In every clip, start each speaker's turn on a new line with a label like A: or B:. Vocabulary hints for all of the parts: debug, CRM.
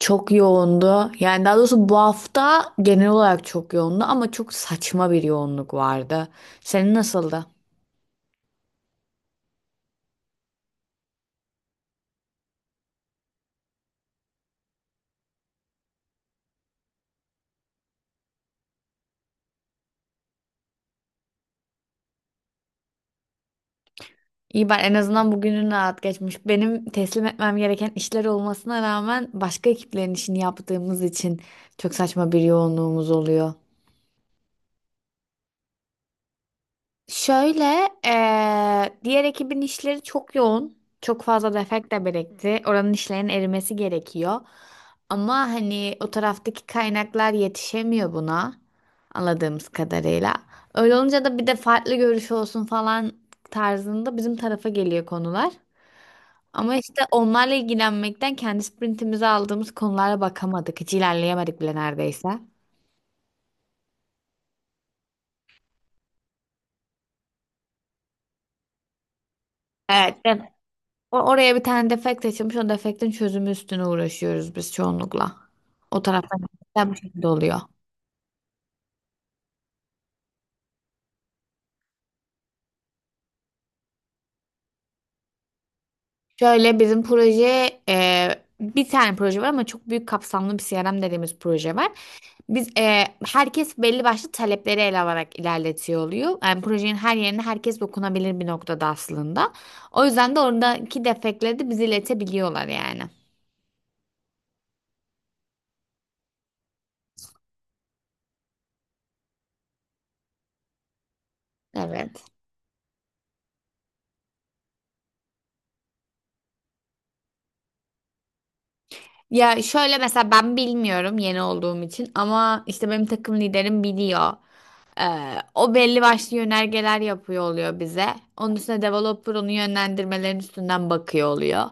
A: Çok yoğundu. Yani daha doğrusu bu hafta genel olarak çok yoğundu ama çok saçma bir yoğunluk vardı. Senin nasıldı? İyi, ben en azından bugünün rahat geçmiş. Benim teslim etmem gereken işler olmasına rağmen başka ekiplerin işini yaptığımız için çok saçma bir yoğunluğumuz oluyor. Şöyle, diğer ekibin işleri çok yoğun. Çok fazla defekt de birikti. Oranın işlerin erimesi gerekiyor. Ama hani o taraftaki kaynaklar yetişemiyor buna. Anladığımız kadarıyla. Öyle olunca da bir de farklı görüş olsun falan tarzında bizim tarafa geliyor konular. Ama işte onlarla ilgilenmekten kendi sprintimize aldığımız konulara bakamadık. Hiç ilerleyemedik bile neredeyse. Evet, oraya bir tane defekt açılmış. O defektin çözümü üstüne uğraşıyoruz biz çoğunlukla. O taraftan da bu şekilde oluyor. Şöyle bizim proje, bir tane proje var ama çok büyük kapsamlı bir CRM dediğimiz proje var. Biz e, herkes belli başlı talepleri ele alarak ilerletiyor oluyor. Yani projenin her yerine herkes dokunabilir bir noktada aslında. O yüzden de oradaki defektleri de bize iletebiliyorlar yani. Evet. Ya şöyle, mesela ben bilmiyorum yeni olduğum için ama işte benim takım liderim biliyor. O belli başlı yönergeler yapıyor oluyor bize. Onun üstüne developer onun yönlendirmelerin üstünden bakıyor oluyor.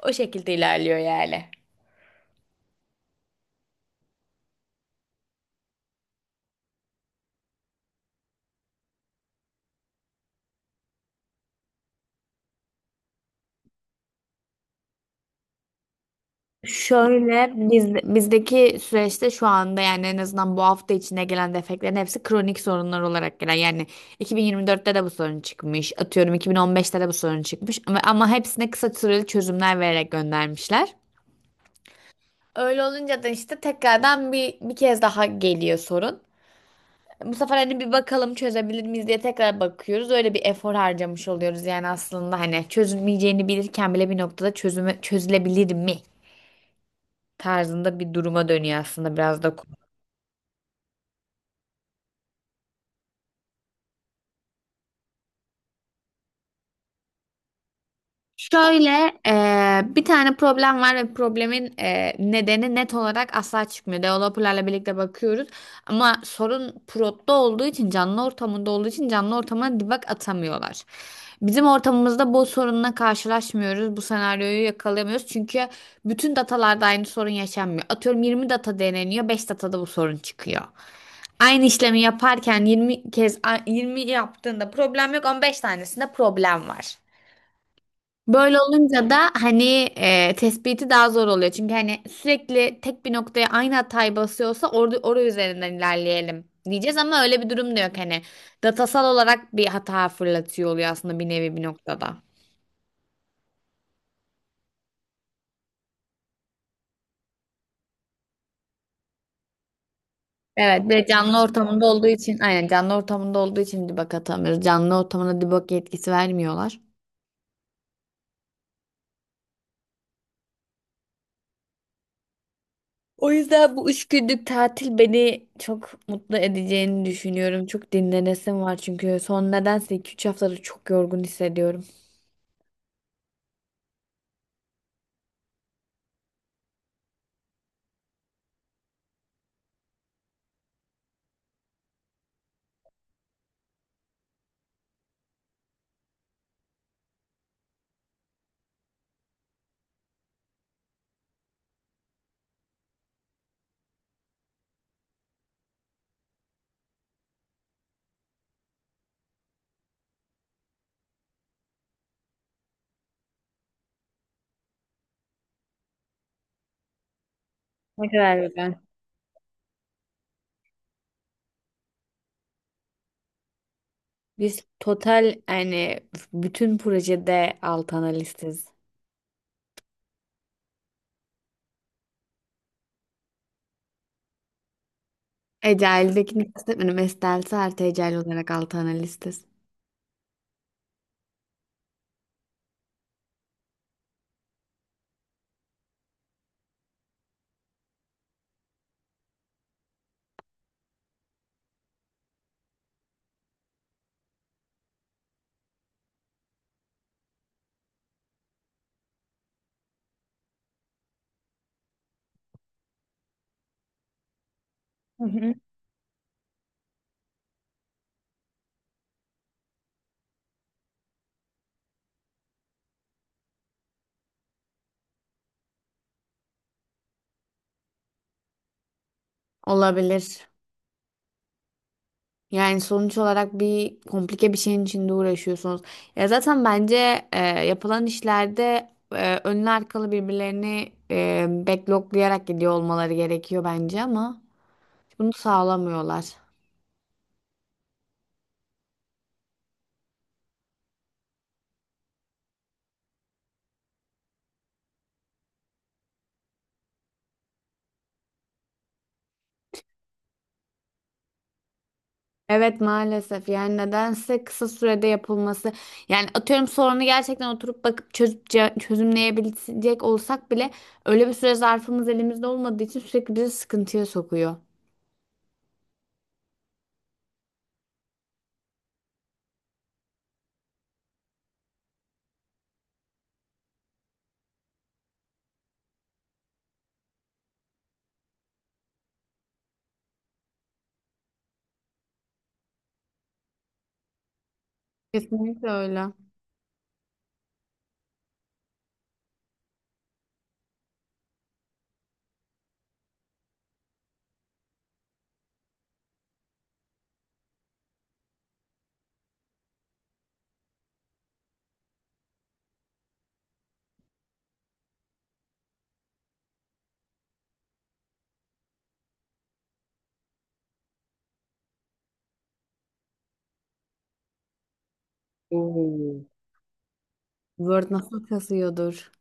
A: O şekilde ilerliyor yani. Şöyle, bizdeki süreçte şu anda, yani en azından bu hafta içinde gelen defeklerin hepsi kronik sorunlar olarak gelen. Yani 2024'te de bu sorun çıkmış. Atıyorum 2015'te de bu sorun çıkmış. Ama hepsine kısa süreli çözümler vererek göndermişler. Öyle olunca da işte tekrardan bir kez daha geliyor sorun. Bu sefer hani bir bakalım çözebilir miyiz diye tekrar bakıyoruz. Öyle bir efor harcamış oluyoruz yani aslında, hani çözülmeyeceğini bilirken bile bir noktada çözülebilir mi tarzında bir duruma dönüyor aslında biraz da. Şöyle, bir tane problem var ve problemin nedeni net olarak asla çıkmıyor. Developerlarla birlikte bakıyoruz ama sorun prod'da olduğu için, canlı ortamında olduğu için canlı ortama debug atamıyorlar. Bizim ortamımızda bu sorunla karşılaşmıyoruz. Bu senaryoyu yakalayamıyoruz. Çünkü bütün datalarda aynı sorun yaşanmıyor. Atıyorum 20 data deneniyor, 5 datada bu sorun çıkıyor. Aynı işlemi yaparken 20 yaptığında problem yok, 15 tanesinde problem var. Böyle olunca da hani, tespiti daha zor oluyor. Çünkü hani sürekli tek bir noktaya aynı hatayı basıyorsa orada oraya üzerinden ilerleyelim diyeceğiz ama öyle bir durum da yok hani. Datasal olarak bir hata fırlatıyor oluyor aslında, bir nevi bir noktada. Evet, bir de canlı ortamında olduğu için, aynen canlı ortamında olduğu için debug atamıyoruz. Canlı ortamına debug yetkisi vermiyorlar. O yüzden bu üç günlük tatil beni çok mutlu edeceğini düşünüyorum. Çok dinlenesim var çünkü son nedense 2-3 haftadır çok yorgun hissediyorum. Ne kadar güzel. Biz total, yani bütün projede alt analistiz. Ecel'dekini kastetmedim. Estel'si artı Ecel olarak alt analistiz. Hı hı. Olabilir. Yani sonuç olarak bir komplike bir şeyin içinde uğraşıyorsunuz. Ya zaten bence yapılan işlerde önlü arkalı birbirlerini backloklayarak gidiyor olmaları gerekiyor bence ama bunu sağlamıyorlar. Evet, maalesef, yani nedense kısa sürede yapılması, yani atıyorum sorunu gerçekten oturup bakıp çözümleyebilecek olsak bile öyle bir süre zarfımız elimizde olmadığı için sürekli bizi sıkıntıya sokuyor. Kesinlikle öyle. Word nasıl kasıyordur?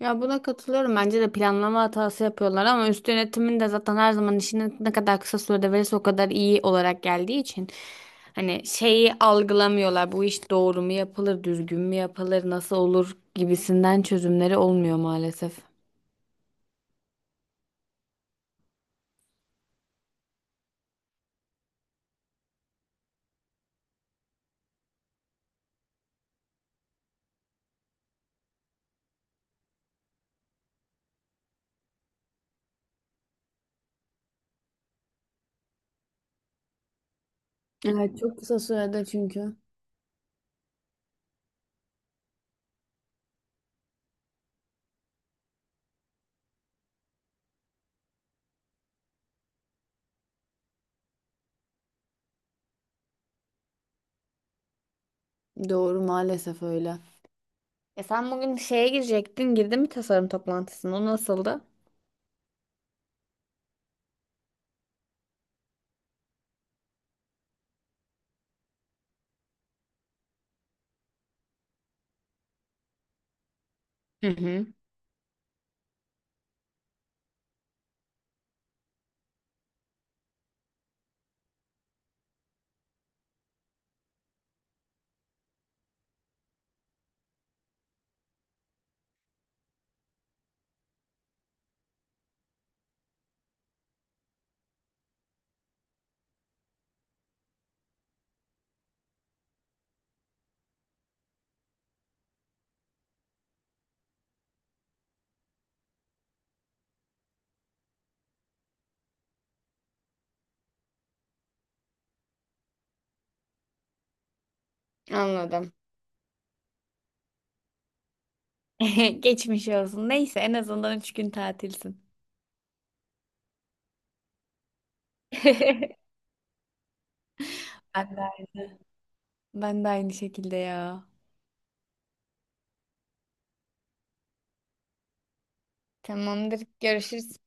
A: Ya buna katılıyorum. Bence de planlama hatası yapıyorlar ama üst yönetimin de zaten her zaman işini ne kadar kısa sürede verirse o kadar iyi olarak geldiği için hani şeyi algılamıyorlar. Bu iş doğru mu yapılır, düzgün mü yapılır, nasıl olur gibisinden çözümleri olmuyor maalesef. Evet, çok kısa sürede çünkü. Doğru, maalesef öyle. E sen bugün şeye girecektin, girdin mi tasarım toplantısına? O nasıldı? Hı hı. Anladım. Geçmiş olsun. Neyse, en azından üç gün tatilsin. Ben de aynı. Ben de aynı şekilde ya. Tamamdır. Görüşürüz.